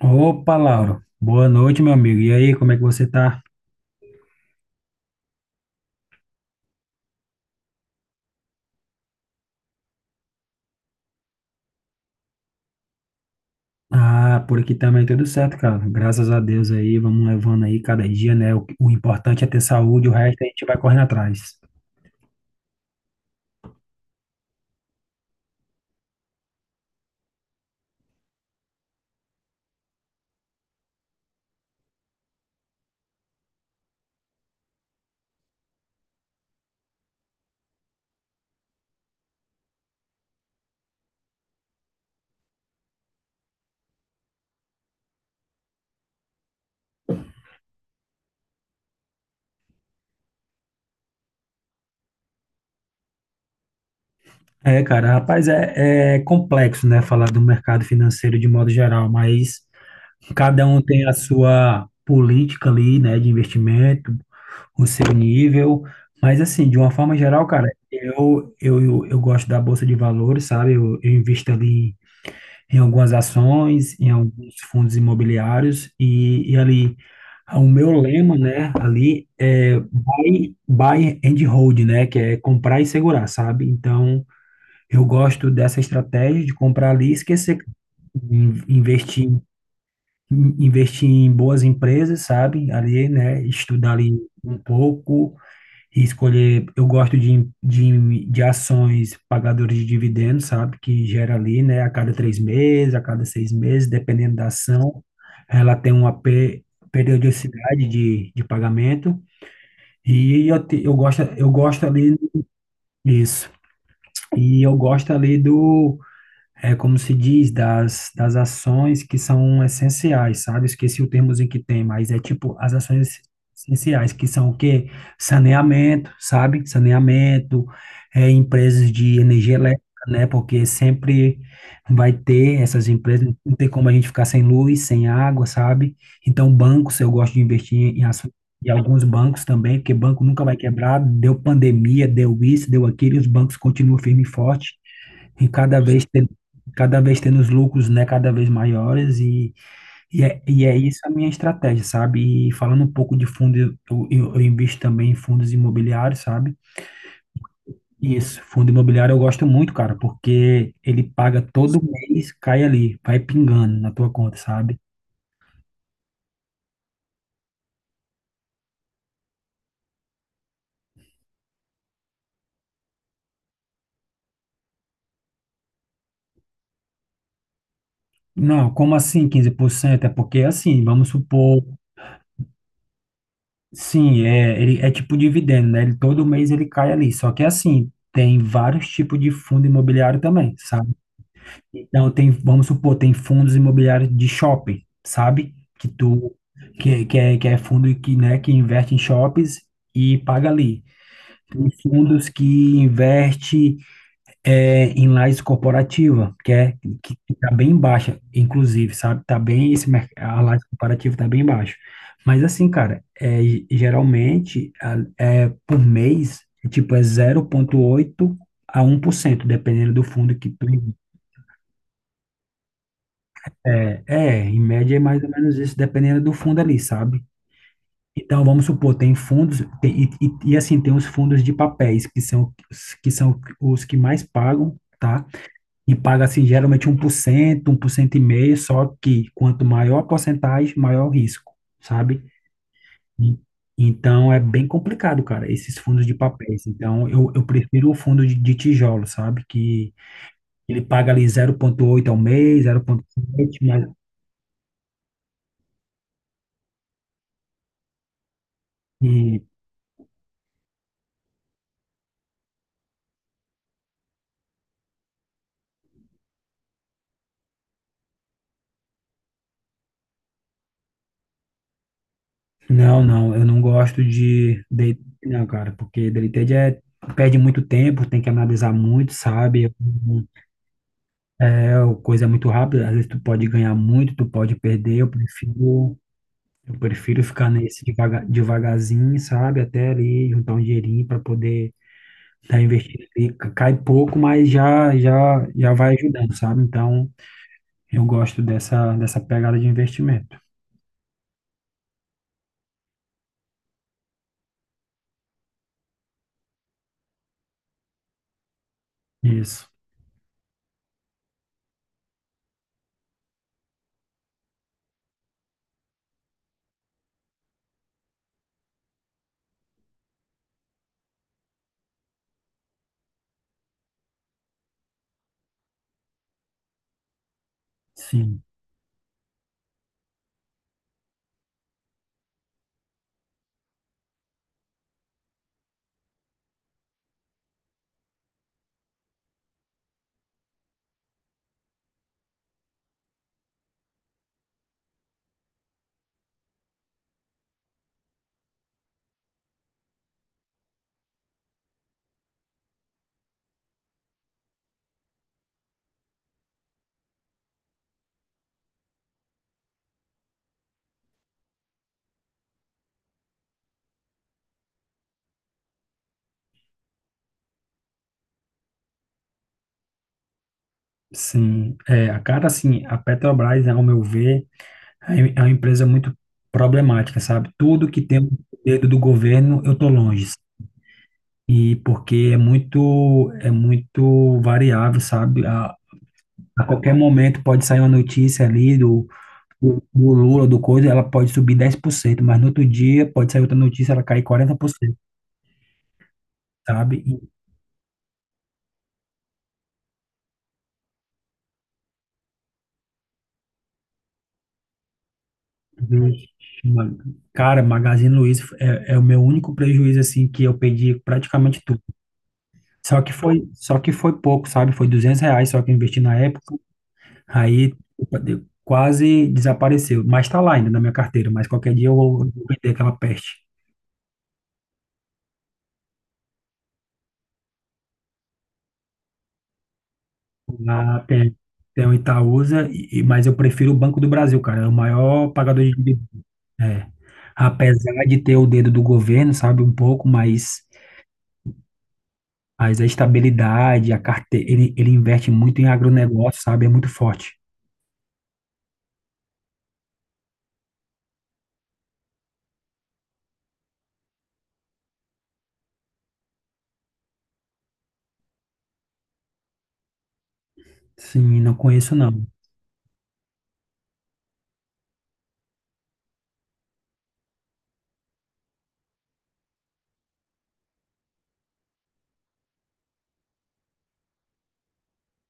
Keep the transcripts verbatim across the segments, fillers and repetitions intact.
Opa, Lauro. Boa noite, meu amigo. E aí, como é que você tá? Ah, por aqui também tudo certo, cara. Graças a Deus aí, vamos levando aí cada dia, né? O, o importante é ter saúde, o resto a gente vai correndo atrás. É, cara, rapaz, é, é complexo, né? Falar do mercado financeiro de modo geral, mas cada um tem a sua política ali, né? De investimento, o seu nível. Mas assim, de uma forma geral, cara, eu eu, eu, eu gosto da bolsa de valores, sabe? Eu, eu invisto ali em algumas ações, em alguns fundos imobiliários e, e ali o meu lema, né, ali é buy, buy and hold, né, que é comprar e segurar, sabe? Então, eu gosto dessa estratégia de comprar ali e esquecer in- investir in- investir em boas empresas, sabe? Ali, né, estudar ali um pouco e escolher. Eu gosto de, de, de ações pagadoras de dividendos, sabe? Que gera ali, né? A cada três meses, a cada seis meses, dependendo da ação, ela tem uma pe- periodicidade de, de pagamento. E eu, te- eu gosto, eu gosto ali. Isso. E eu gosto ali do é como se diz, das, das ações que são essenciais, sabe? Esqueci o termo em que tem, mas é tipo as ações essenciais, que são o quê? Saneamento, sabe? Saneamento, é, empresas de energia elétrica, né? Porque sempre vai ter essas empresas, não tem como a gente ficar sem luz, sem água, sabe? Então, bancos, eu gosto de investir em ações. E alguns bancos também, porque banco nunca vai quebrar, deu pandemia, deu isso, deu aquilo, e os bancos continuam firme e forte. E cada vez, ten- cada vez tendo os lucros, né, cada vez maiores, e, e, é, e é isso a minha estratégia, sabe? E falando um pouco de fundo, eu, eu, eu invisto também em fundos imobiliários, sabe? Isso, fundo imobiliário eu gosto muito, cara, porque ele paga todo mês, cai ali, vai pingando na tua conta, sabe? Não, como assim, quinze por cento? É porque assim, vamos supor, sim, é, ele é tipo dividendo, né? Ele, todo mês ele cai ali, só que assim, tem vários tipos de fundo imobiliário também, sabe? Então tem, vamos supor, tem fundos imobiliários de shopping, sabe? Que tu que, que é, que é fundo que, né, que investe em shoppings e paga ali. Tem fundos que investe é, em lajes corporativa, que é que tá bem baixa, inclusive, sabe? Tá bem esse merc- a laje corporativa tá bem baixa. Mas assim, cara, é, geralmente a- é, por mês, é tipo é zero é oito a um por cento, dependendo do fundo que tu. É, é, em média é mais ou menos isso, dependendo do fundo ali, sabe? Então, vamos supor, tem fundos, tem- e, e- e, assim, tem os fundos de papéis, que são, os- que são os que mais pagam, tá? E paga, assim, geralmente um um por por cento um por cento e meio, só que quanto maior a porcentagem, maior o risco, sabe? E- Então, é bem complicado, cara, esses fundos de papéis. Então, eu, eu prefiro o fundo de, de tijolo, sabe? Que ele paga ali zero vírgula oito ao mês, zero vírgula sete, mas. Não, não, eu não gosto de date, não, cara, porque deleted é perde muito tempo, tem que analisar muito, sabe? É uma coisa, é muito rápida, às vezes tu pode ganhar muito, tu pode perder, eu prefiro eu prefiro ficar nesse devaga, devagarzinho, sabe? Até ali juntar um dinheirinho para poder tá investindo ali, C- cai pouco, mas já já já vai ajudando, sabe? Então, eu gosto dessa dessa pegada de investimento. Isso. Sim. Sim, é, a cara, assim, a Petrobras, ao meu ver, É é uma empresa muito problemática, sabe? Tudo que tem o dedo do governo, eu tô longe. E porque é muito, é muito variável, sabe? A, a qualquer momento pode sair uma notícia ali do, do, do Lula, do coisa, ela pode subir dez por cento, mas no outro dia pode sair outra notícia, ela cai quarenta por cento, sabe? E, uma- cara, Magazine Luiza é, é o meu único prejuízo, assim, que eu perdi praticamente tudo. Só que foi, só que foi pouco, sabe? Foi duzentos reais só que eu investi na época. Aí opa, deu- quase desapareceu, mas está lá ainda na minha carteira, mas qualquer dia eu vou vou vender aquela peste. Lá tem, tem o Itaúsa, e- e- mas eu prefiro o Banco do Brasil, cara, é o maior pagador de dividendos. É. Apesar de ter o dedo do governo, sabe, um pouco, mas, mas, a estabilidade, a carteira, ele, ele investe muito em agronegócio, sabe, é muito forte. Sim, não conheço não.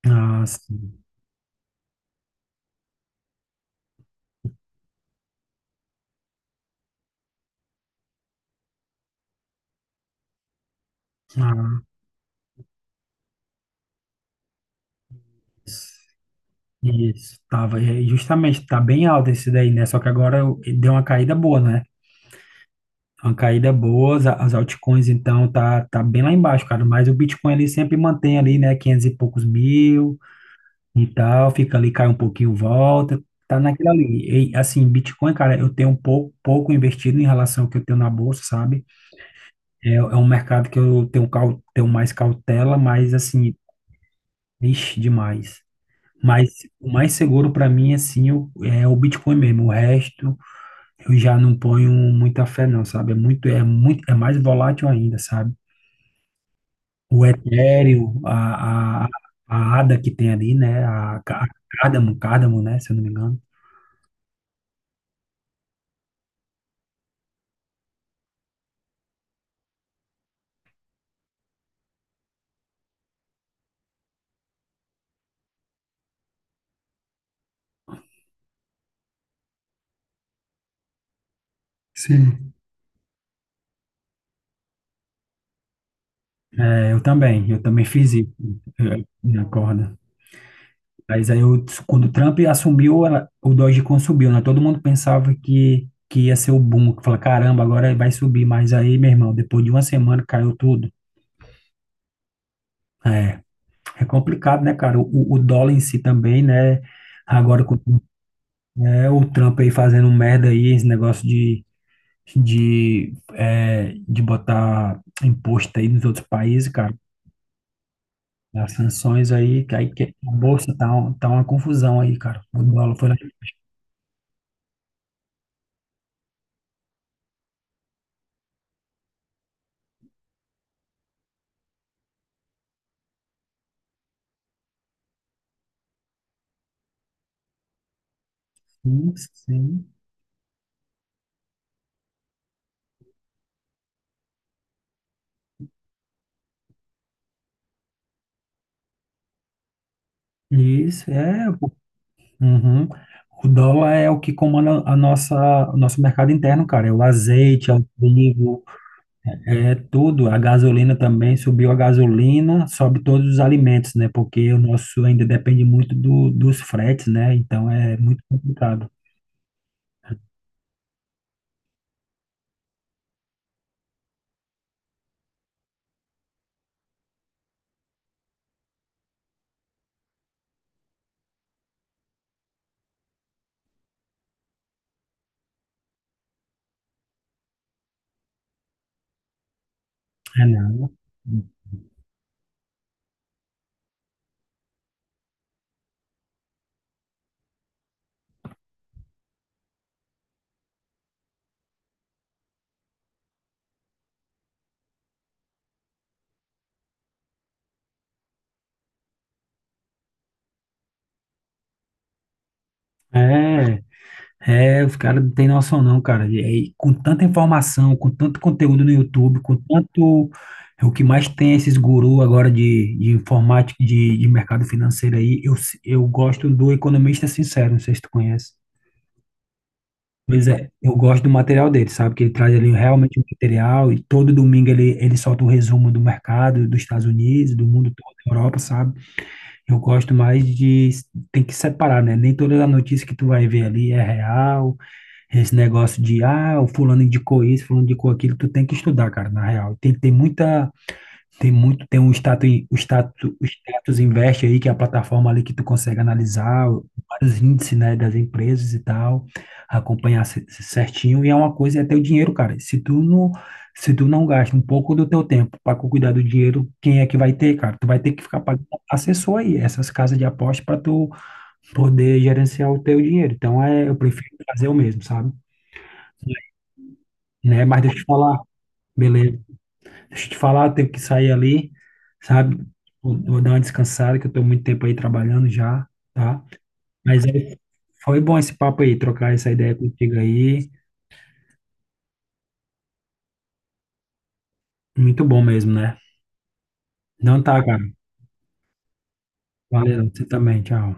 Ah, sim. Ah, isso, tava, é, justamente, tá bem alto esse daí, né? Só que agora deu uma caída boa, né? Uma caída boa, as, as altcoins, então, tá, tá bem lá embaixo, cara. Mas o Bitcoin ele sempre mantém ali, né, quinhentos e poucos mil e tal, fica ali, cai um pouquinho, volta. Tá naquilo ali. E, assim, Bitcoin, cara, eu tenho um pouco, pouco investido em relação ao que eu tenho na bolsa, sabe? É, é um mercado que eu tenho, cau- tenho mais cautela, mas, assim, ixi, demais. Mas o mais seguro para mim é sim o, é o Bitcoin mesmo. O resto eu já não ponho muita fé não, sabe? É muito, é muito, é mais volátil ainda, sabe? O Ethereum, a, a, a ADA que tem ali, né? A, Ca- a Cardano, Cardano, né? Se eu não me engano. Sim. É, eu também, eu também fiz isso, eh, na corda. Mas aí, eu, quando o Trump assumiu, ela- o Dogecoin subiu, né? Todo mundo pensava que, que ia ser o boom, que fala, caramba, agora vai subir. Mas aí, meu irmão, depois de uma semana caiu tudo. É, é complicado, né, cara? O, o dólar em si também, né? Agora com é, o Trump aí fazendo merda aí, esse negócio de, de, é, de botar imposto aí nos outros países, cara. As sanções aí, que aí que a bolsa tá, um- tá uma confusão aí, cara. O dólar foi lá. Sim, sim. Isso, é. Pô. Uhum. O dólar é o que comanda a nossa, o nosso mercado interno, cara. É o azeite, é o trigo, é tudo. A gasolina também subiu, a gasolina, sobe todos os alimentos, né? Porque o nosso ainda depende muito do, dos fretes, né? Então é muito complicado. É, não. É, é, os caras não têm noção não, cara. E aí, com tanta informação, com tanto conteúdo no YouTube, com tanto. é O que mais tem é esses gurus agora de, de informática, de, de mercado financeiro aí, eu, eu gosto do Economista Sincero, não sei se tu conhece. Pois é, eu gosto do material dele, sabe? Que ele traz ali realmente o material e todo domingo ele, ele solta um resumo do mercado dos Estados Unidos, do mundo todo, da Europa, sabe? Eu gosto mais de. Tem que separar, né? Nem toda a notícia que tu vai ver ali é real. Esse negócio de, ah, o fulano indicou isso, fulano indicou aquilo, tu tem que estudar, cara, na real. Tem que ter muita tem muito, tem um status, o status, o status investe aí, que é a plataforma ali que tu consegue analisar vários índices, né, das empresas e tal, acompanhar ce- certinho, e é uma coisa, é teu dinheiro, cara. Se tu não, se tu não gasta um pouco do teu tempo para cuidar do dinheiro, quem é que vai ter, cara? Tu vai ter que ficar pagando um assessor aí, essas casas de aposta para tu poder gerenciar o teu dinheiro. Então, é, eu prefiro fazer o mesmo, sabe? Né? Mas deixa eu te falar, beleza? Deixa eu te falar, eu tenho que sair ali, sabe? Vou, vou dar uma descansada, que eu tô muito tempo aí trabalhando já, tá? Mas aí, foi bom esse papo aí, trocar essa ideia contigo aí. Muito bom mesmo, né? Não tá, cara. Valeu, você também, tchau.